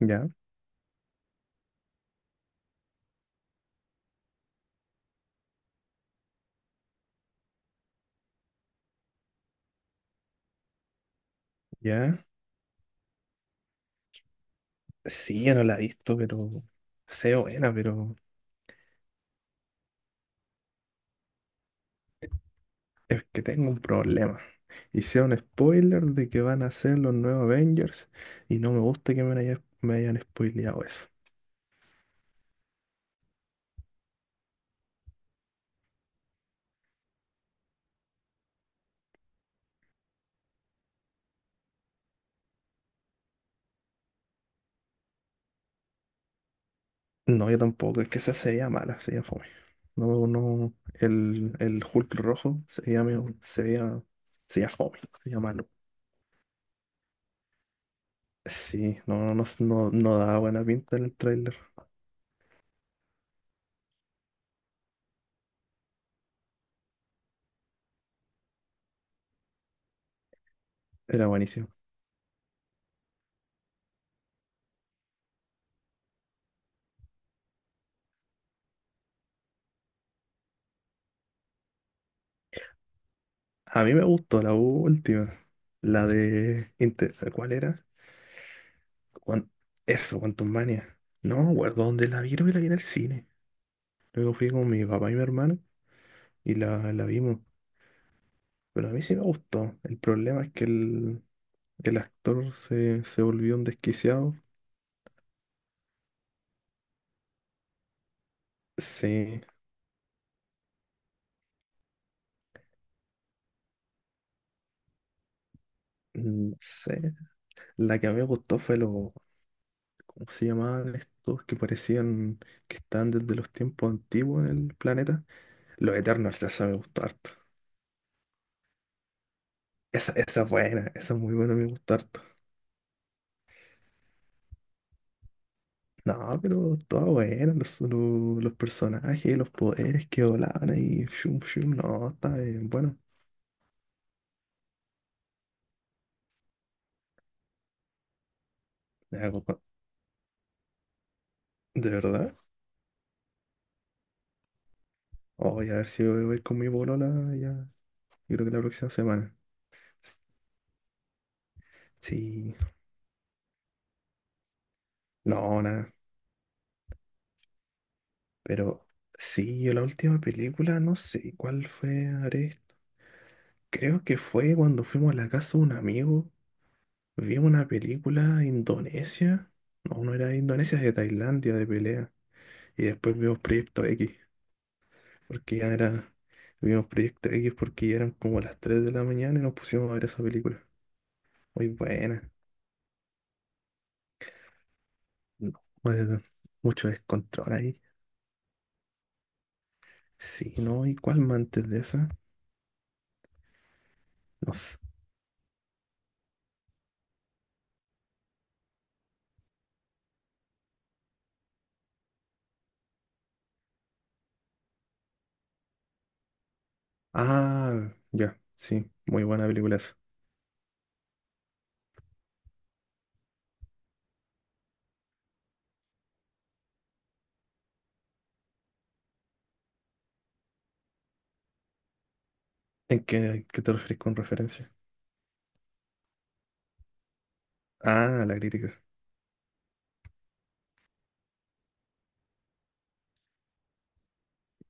Ya, ya. Sí, yo no la he visto, pero sé buena, pero es que tengo un problema. Hicieron spoiler de que van a ser los nuevos Avengers y no me gusta que me hayan spoileado eso. No, yo tampoco, es que esa sería mala, sería fome. No, no, el Hulk rojo sería, sería fome, sería malo. Sí, no, no, no, no no daba buena pinta en el tráiler. Era buenísimo. A mí me gustó la última. La de... ¿Cuál era? Guan- Eso, Quantum Mania. No me acuerdo dónde la vi, creo que la vi en el cine. Luego fui con mi papá y mi hermano y la vimos. Pero a mí sí me gustó. El problema es que el actor se volvió un desquiciado. Sí, no sé. La que a mí me gustó fue lo. ¿Cómo se llamaban estos que parecían que estaban desde los tiempos antiguos en el planeta? Los Eternals, esa me gustó harto. Esa es buena, esa es muy buena, me gustó harto. No, pero todo bueno, los personajes, los poderes que volaban ahí, shum, shum, no, está bien, bueno, ya, de verdad. Oh, voy a ver si voy con mi bolola, ya, yo creo que la próxima semana. Sí, no, nada, pero sí, yo la última película, no sé cuál fue, Ares, creo que fue cuando fuimos a la casa de un amigo, vimos una película de Indonesia, no, no era de Indonesia, de Tailandia, de pelea, y después vimos Proyecto X. porque ya era, Vimos Proyecto X porque ya eran como las 3 de la mañana y nos pusimos a ver esa película. Muy buena. No, pues, mucho descontrol ahí. Sí, ¿no? ¿Y cuál más antes de esa? No sé. Ah, ya, sí, muy buena película esa. ¿Qué te referís con referencia? Ah, la crítica.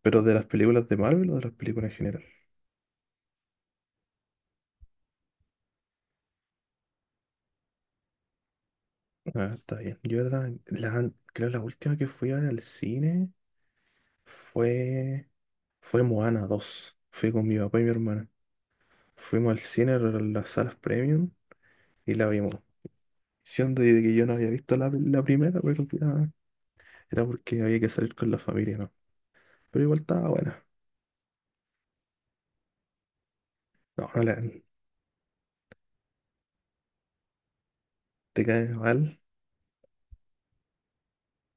¿Pero de las películas de Marvel o de las películas en general? Ah, está bien. Yo creo la última que fui a ver al cine fue, fue Moana 2. Fui con mi papá y mi hermana. Fuimos al cine, a las salas premium, y la vimos. Siendo de que yo no había visto la primera, pero ya era porque había que salir con la familia, ¿no? Pero igual estaba buena. No, no, te cae mal.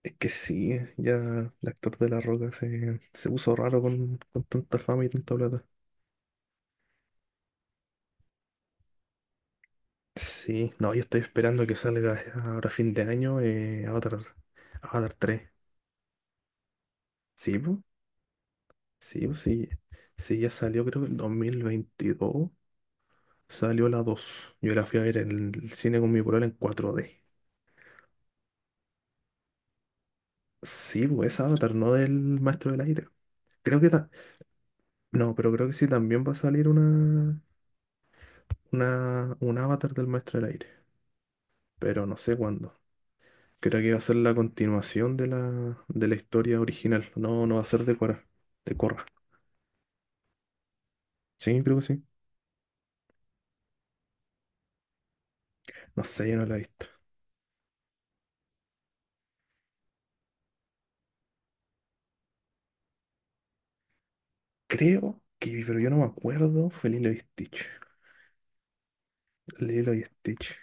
Es que sí, ya el actor de La Roca se puso raro con tanta fama y tanta plata. Sí, no, yo estoy esperando que salga ahora fin de año, Avatar, Avatar 3. Sí, pues, sí, pues, sí, sí, ya salió creo que el 2022. Salió la dos. Yo la fui a ver en el cine con mi polola en 4D. Sí, pues esa Avatar, no del Maestro del Aire. Creo que ta- No, pero creo que sí también va a salir un Avatar del Maestro del Aire. Pero no sé cuándo. Creo que va a ser la continuación de la historia original. No, no va a ser de Korra. De Korra. Sí, creo que sí. No sé, yo no la he visto. Creo que, pero yo no me acuerdo, fue Lilo y Stitch. Lilo y Stitch.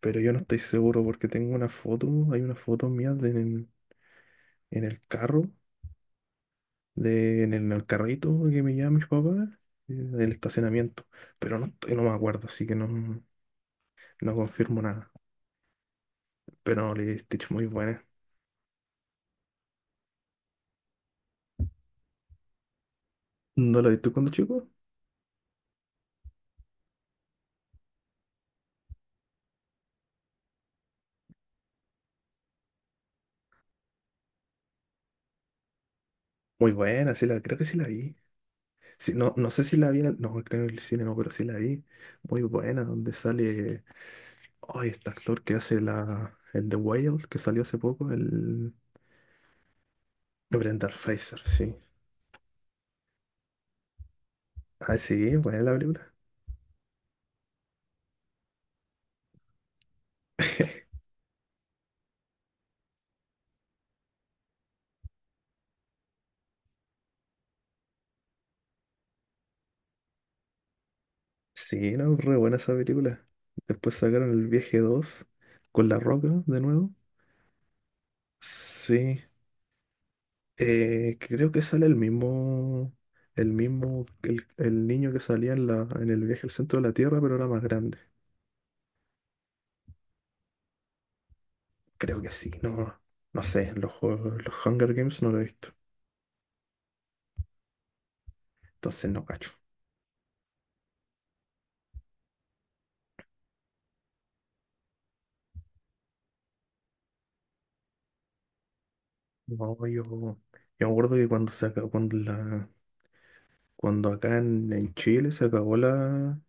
Pero yo no estoy seguro porque tengo una foto, hay una foto mía de, en el carro, de, en el carrito que me llevan mis papás, del estacionamiento. Pero no, no me acuerdo, así que no, no confirmo nada. Pero Lilo y Stitch muy buena. ¿No la viste cuando chico? Muy buena, creo que sí la vi. Sí, no, no sé si la vi, no, creo en el cine no, pero sí la vi. Muy buena, donde sale, ay, este actor que hace el The Whale, que salió hace poco, el Brendan Fraser, sí. Ah, sí, buena la película. Sí, no, re buena esa película. Después sacaron El Viaje 2 con La Roca de nuevo. Sí, creo que sale el mismo el niño que salía en el viaje al centro de la Tierra, pero era más grande. Creo que sí, no, no sé, los Hunger Games no lo he visto, entonces no cacho. No, yo me acuerdo que cuando acá en Chile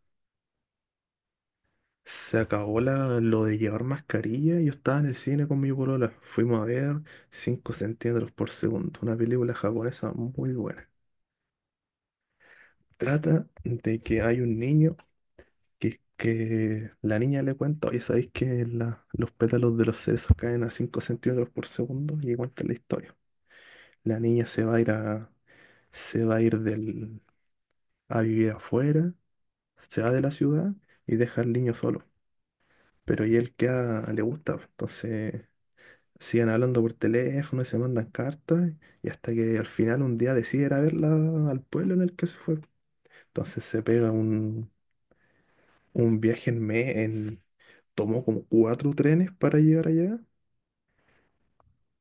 se acabó lo de llevar mascarilla. Yo estaba en el cine con mi polola. Fuimos a ver 5 centímetros por segundo, una película japonesa muy buena. Trata de que hay un niño que la niña le cuenta, oye, ¿sabéis que los pétalos de los cerezos caen a 5 centímetros por segundo? Y cuenta la historia. La niña se va a ir del, a vivir afuera, se va de la ciudad y deja al niño solo. Pero y él queda, le gusta, pues, entonces siguen hablando por teléfono y se mandan cartas y hasta que al final un día decide ir a verla al pueblo en el que se fue. Entonces se pega un viaje tomó como cuatro trenes para llegar allá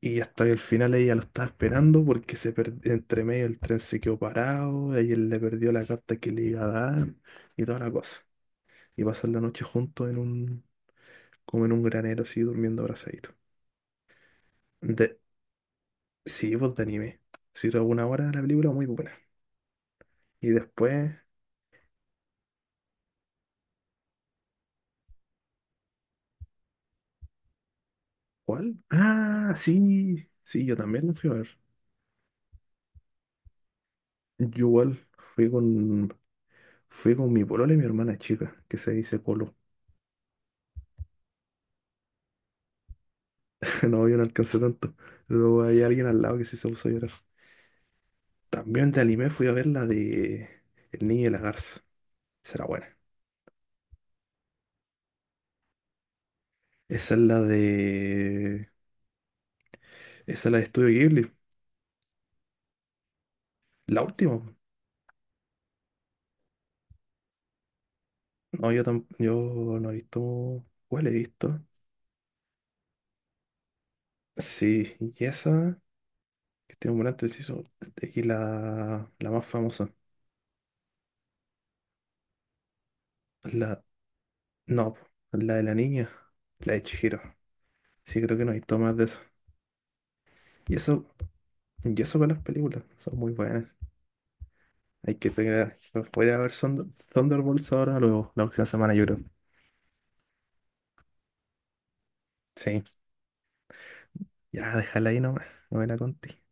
y hasta que al final ella lo estaba esperando porque entre medio el tren se quedó parado, ella le perdió la carta que le iba a dar y toda la cosa. Y pasan la noche juntos como en un granero así durmiendo abrazaditos. De, sí, pues de anime. Si alguna hora la película muy buena. Y después, ¿cuál? Ah, sí, sí, yo también la fui a ver. Yo igual fui con, fui con mi polola y mi hermana chica, que se dice Colo. No, yo no alcancé tanto. Luego hay alguien al lado que sí se puso a llorar. También de anime fui a ver la de El Niño y la Garza. Esa era buena. Esa es la de... Esa es la de Estudio Ghibli. La última. No, yo no he visto... ¿Cuál he visto? Sí, y esa, que tiene un gran inciso, y la más famosa. La, no, po, la de la niña, la de Chihiro. Sí, creo que no hay tomas de eso. Y eso, y eso con las películas, son muy buenas. Hay que tener, Voy a ir a ver Thunderbolts ahora, luego, la próxima semana, yo creo. Sí, ya, déjala ahí nomás, no me la conté.